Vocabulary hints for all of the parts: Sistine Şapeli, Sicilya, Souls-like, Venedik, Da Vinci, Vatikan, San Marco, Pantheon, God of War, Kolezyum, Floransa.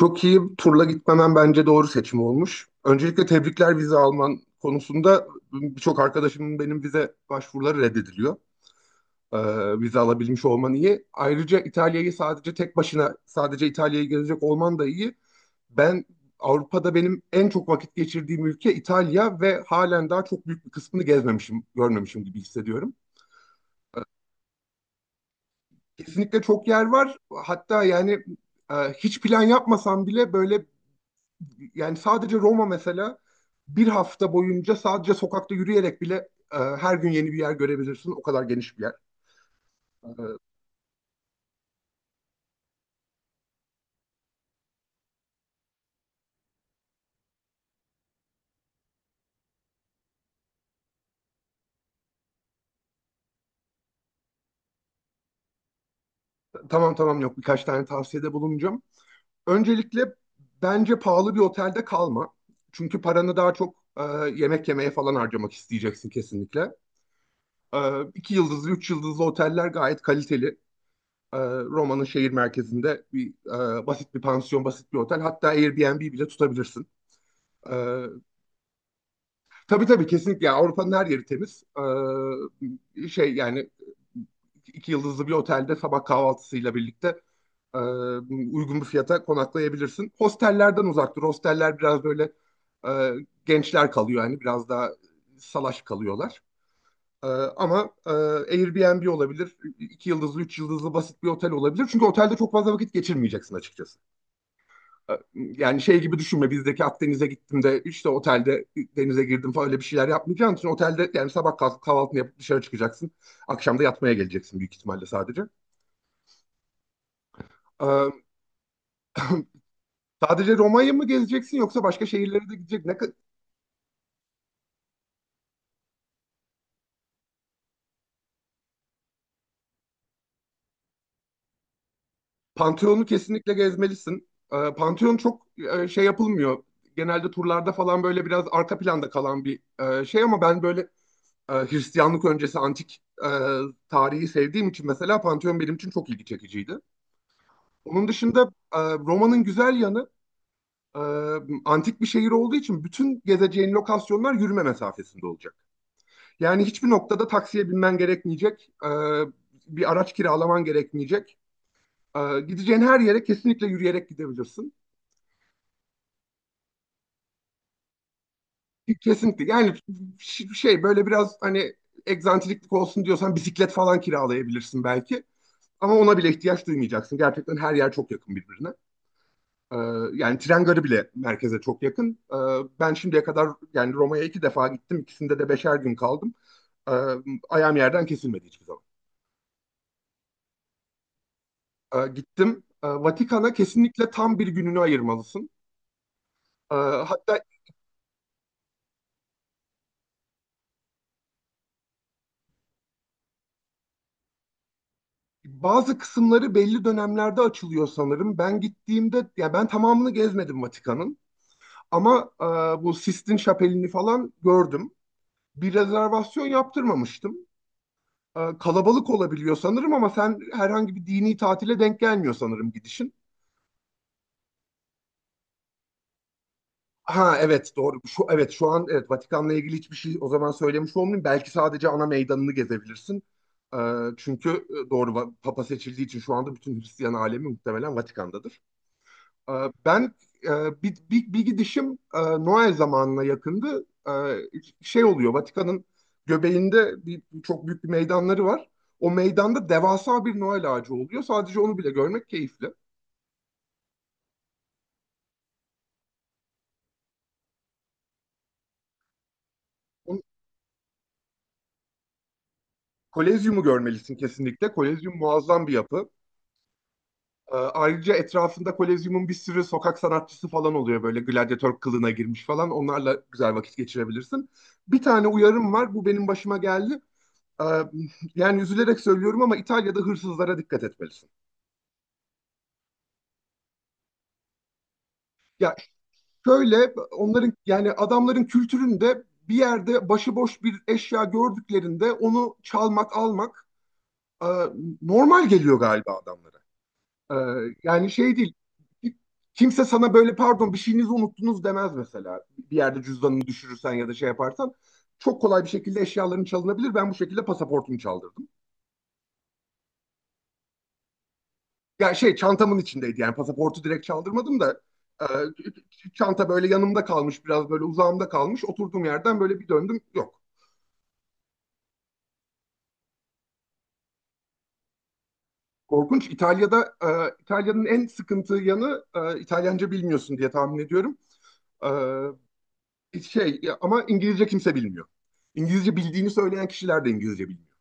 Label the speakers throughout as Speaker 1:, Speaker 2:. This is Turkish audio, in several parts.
Speaker 1: Çok iyi turla gitmemen bence doğru seçim olmuş. Öncelikle tebrikler vize alman konusunda birçok arkadaşımın benim vize başvuruları reddediliyor. Vize alabilmiş olman iyi. Ayrıca İtalya'yı sadece tek başına sadece İtalya'yı gezecek olman da iyi. Ben Avrupa'da benim en çok vakit geçirdiğim ülke İtalya ve halen daha çok büyük bir kısmını gezmemişim, görmemişim gibi hissediyorum. Kesinlikle çok yer var. Hatta yani hiç plan yapmasam bile böyle yani sadece Roma mesela bir hafta boyunca sadece sokakta yürüyerek bile her gün yeni bir yer görebilirsin. O kadar geniş bir yer. Tamam tamam, yok, birkaç tane tavsiyede bulunacağım. Öncelikle bence pahalı bir otelde kalma. Çünkü paranı daha çok yemek yemeye falan harcamak isteyeceksin kesinlikle. E, iki yıldızlı, üç yıldızlı oteller gayet kaliteli. E, Roma'nın şehir merkezinde bir basit bir pansiyon, basit bir otel. Hatta Airbnb bile tutabilirsin. E, Tabii tabii kesinlikle. Yani Avrupa'nın her yeri temiz. Şey yani iki yıldızlı bir otelde sabah kahvaltısıyla birlikte e, uygun bir fiyata konaklayabilirsin. Hostellerden uzak dur. Hosteller biraz böyle e, gençler kalıyor yani biraz daha salaş kalıyorlar. E, ama e, Airbnb olabilir, iki yıldızlı, üç yıldızlı basit bir otel olabilir. Çünkü otelde çok fazla vakit geçirmeyeceksin açıkçası. Yani şey gibi düşünme, bizdeki Akdeniz'e gittim de işte otelde denize girdim falan, öyle bir şeyler yapmayacaksın. İçin otelde yani sabah kalk, kahvaltını yapıp dışarı çıkacaksın. Akşam da yatmaya geleceksin büyük ihtimalle sadece. Ee, sadece Roma'yı mı gezeceksin yoksa başka şehirlere de gidecek? Pantheon'u kesinlikle gezmelisin. Pantheon çok şey yapılmıyor. Genelde turlarda falan böyle biraz arka planda kalan bir şey, ama ben böyle Hristiyanlık öncesi antik tarihi sevdiğim için mesela Pantheon benim için çok ilgi çekiciydi. Onun dışında Roma'nın güzel yanı, e, antik bir şehir olduğu için bütün gezeceğin lokasyonlar yürüme mesafesinde olacak. Yani hiçbir noktada taksiye binmen gerekmeyecek, bir araç kiralaman gerekmeyecek. E, Gideceğin her yere kesinlikle yürüyerek gidebilirsin. Kesinlikle. Yani şey, böyle biraz hani egzantriklik olsun diyorsan bisiklet falan kiralayabilirsin belki. Ama ona bile ihtiyaç duymayacaksın. Gerçekten her yer çok yakın birbirine. Ee, yani tren garı bile merkeze çok yakın. Ben şimdiye kadar yani Roma'ya 2 defa gittim. İkisinde de 5'er gün kaldım. Ee, ayağım yerden kesilmedi hiçbir zaman. Gittim. Vatikan'a kesinlikle tam bir gününü ayırmalısın. Ee, hatta bazı kısımları belli dönemlerde açılıyor sanırım. Ben gittiğimde, ya ben tamamını gezmedim Vatikan'ın. Ama bu Sistine Şapeli'ni falan gördüm. Bir rezervasyon yaptırmamıştım. Kalabalık olabiliyor sanırım ama sen herhangi bir dini tatile denk gelmiyor sanırım gidişin. Ha evet, doğru. Şu evet, şu an evet, Vatikan'la ilgili hiçbir şey o zaman söylemiş olmayayım. Belki sadece ana meydanını gezebilirsin. E, çünkü Papa seçildiği için şu anda bütün Hristiyan alemi muhtemelen Vatikan'dadır. Ee, Ben bir gidişim Noel zamanına yakındı. Şey oluyor, Vatikan'ın göbeğinde çok büyük bir meydanları var. O meydanda devasa bir Noel ağacı oluyor. Sadece onu bile görmek keyifli. Onu- Kolezyumu görmelisin kesinlikle. Kolezyum muazzam bir yapı. Ayrıca etrafında Kolezyum'un bir sürü sokak sanatçısı falan oluyor, böyle gladyatör kılığına girmiş falan. Onlarla güzel vakit geçirebilirsin. Bir tane uyarım var. Bu benim başıma geldi. Ee, yani üzülerek söylüyorum ama İtalya'da hırsızlara dikkat etmelisin. Ya şöyle, onların yani adamların kültüründe bir yerde başıboş bir eşya gördüklerinde onu çalmak, almak e, normal geliyor galiba adamlara. Ee, yani şey değil. Kimse sana böyle pardon, bir şeyinizi unuttunuz demez mesela. Bir yerde cüzdanını düşürürsen ya da şey yaparsan çok kolay bir şekilde eşyaların çalınabilir. Ben bu şekilde pasaportumu çaldırdım. Ya şey, çantamın içindeydi yani pasaportu direkt çaldırmadım da e, çanta böyle yanımda kalmış, biraz böyle uzağımda kalmış, oturduğum yerden böyle bir döndüm, yok. Korkunç. İtalya'da İtalya'nın en sıkıntı yanı, İtalyanca bilmiyorsun diye tahmin ediyorum. Şey ya, ama İngilizce kimse bilmiyor. İngilizce bildiğini söyleyen kişiler de İngilizce bilmiyor.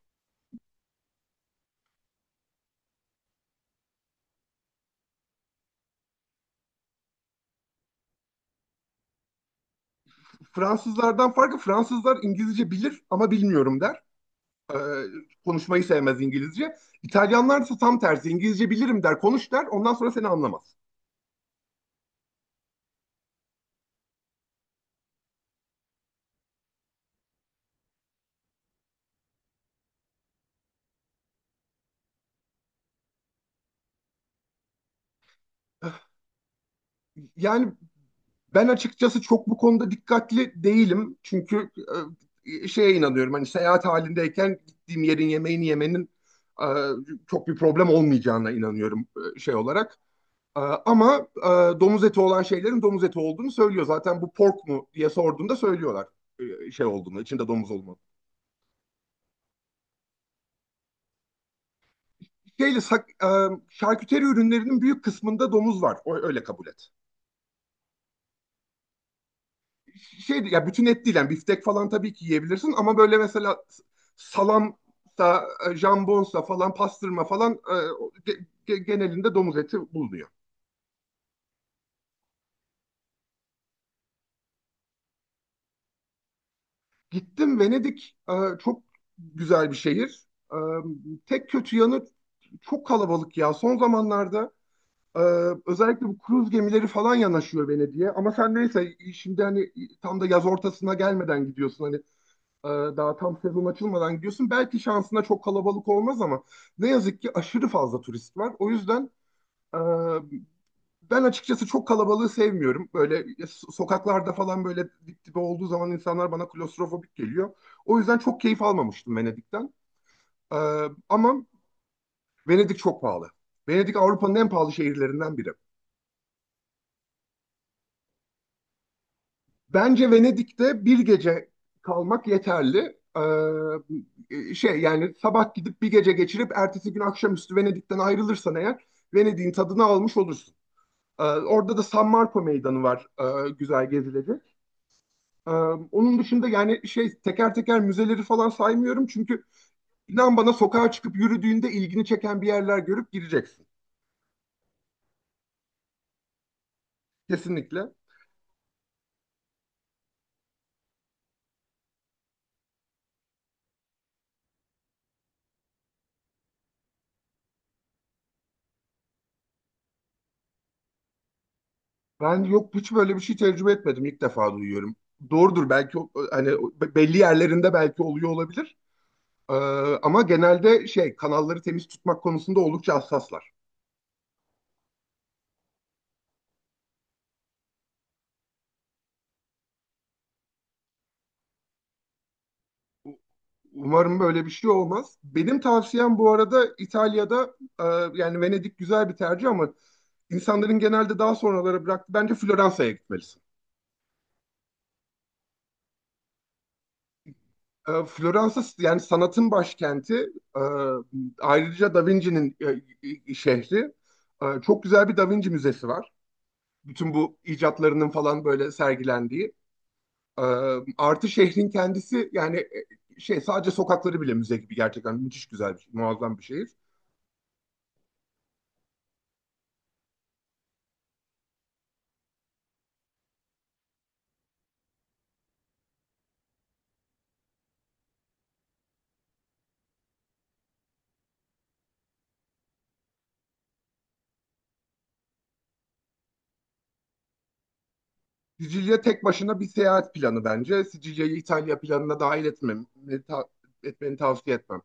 Speaker 1: Fransızlardan farkı, Fransızlar İngilizce bilir ama bilmiyorum der. E, konuşmayı sevmez İngilizce. İtalyanlar ise tam tersi, İngilizce bilirim der, konuş der, ondan sonra seni anlamaz. Yani ben açıkçası çok bu konuda dikkatli değilim. Çünkü şeye inanıyorum, hani seyahat halindeyken gittiğim yerin yemeğini yemenin e, çok bir problem olmayacağına inanıyorum şey olarak. Ama domuz eti olan şeylerin domuz eti olduğunu söylüyor. Zaten bu pork mu diye sorduğunda söylüyorlar şey olduğunu, içinde domuz olmadığını. Şeyle sak- e, şarküteri ürünlerinin büyük kısmında domuz var. O, öyle kabul et. Şey ya, bütün et değil yani, biftek falan tabii ki yiyebilirsin ama böyle mesela salam da jambonsa falan, pastırma falan genelinde domuz eti bulunuyor. Gittim Venedik, çok güzel bir şehir. E, Tek kötü yanı çok kalabalık ya. Son zamanlarda e, özellikle bu kruz gemileri falan yanaşıyor Venedik'e. Ama sen neyse, şimdi hani tam da yaz ortasına gelmeden gidiyorsun. Hani Daha tam sezon açılmadan gidiyorsun. Belki şansına çok kalabalık olmaz ama ne yazık ki aşırı fazla turist var. O yüzden e, ben açıkçası çok kalabalığı sevmiyorum. Böyle sokaklarda falan böyle dip dibe olduğu zaman insanlar bana klostrofobik geliyor. O yüzden çok keyif almamıştım Venedik'ten. Ee, Ama Venedik çok pahalı. Venedik Avrupa'nın en pahalı şehirlerinden biri. Bence Venedik'te bir gece kalmak yeterli. Şey yani sabah gidip bir gece geçirip ertesi gün akşamüstü Venedik'ten ayrılırsan eğer, Venedik'in tadını almış olursun. Orada da San Marco Meydanı var, güzel gezilecek. Ee, onun dışında yani şey, teker teker müzeleri falan saymıyorum çünkü inan bana sokağa çıkıp yürüdüğünde ilgini çeken bir yerler görüp gireceksin. Kesinlikle. Ben yok, hiç böyle bir şey tecrübe etmedim. İlk defa duyuyorum. Doğrudur belki, hani belli yerlerinde belki oluyor olabilir. Ee, ama genelde şey, kanalları temiz tutmak konusunda oldukça hassaslar. Umarım böyle bir şey olmaz. Benim tavsiyem bu arada İtalya'da yani Venedik güzel bir tercih ama insanların genelde daha sonralara bıraktı. Bence Floransa'ya gitmelisin. Floransa yani sanatın başkenti. E, Ayrıca Da Vinci'nin şehri. Çok güzel bir Da Vinci müzesi var. Bütün bu icatlarının falan böyle sergilendiği. E, Artı şehrin kendisi yani şey, sadece sokakları bile müze gibi, gerçekten müthiş güzel bir şey, muazzam bir şehir. Sicilya tek başına bir seyahat planı bence. Sicilya'yı İtalya planına dahil etmem, ta- etmeni tavsiye etmem.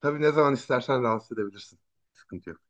Speaker 1: Tabii, ne zaman istersen rahatsız edebilirsin. Sıkıntı yok.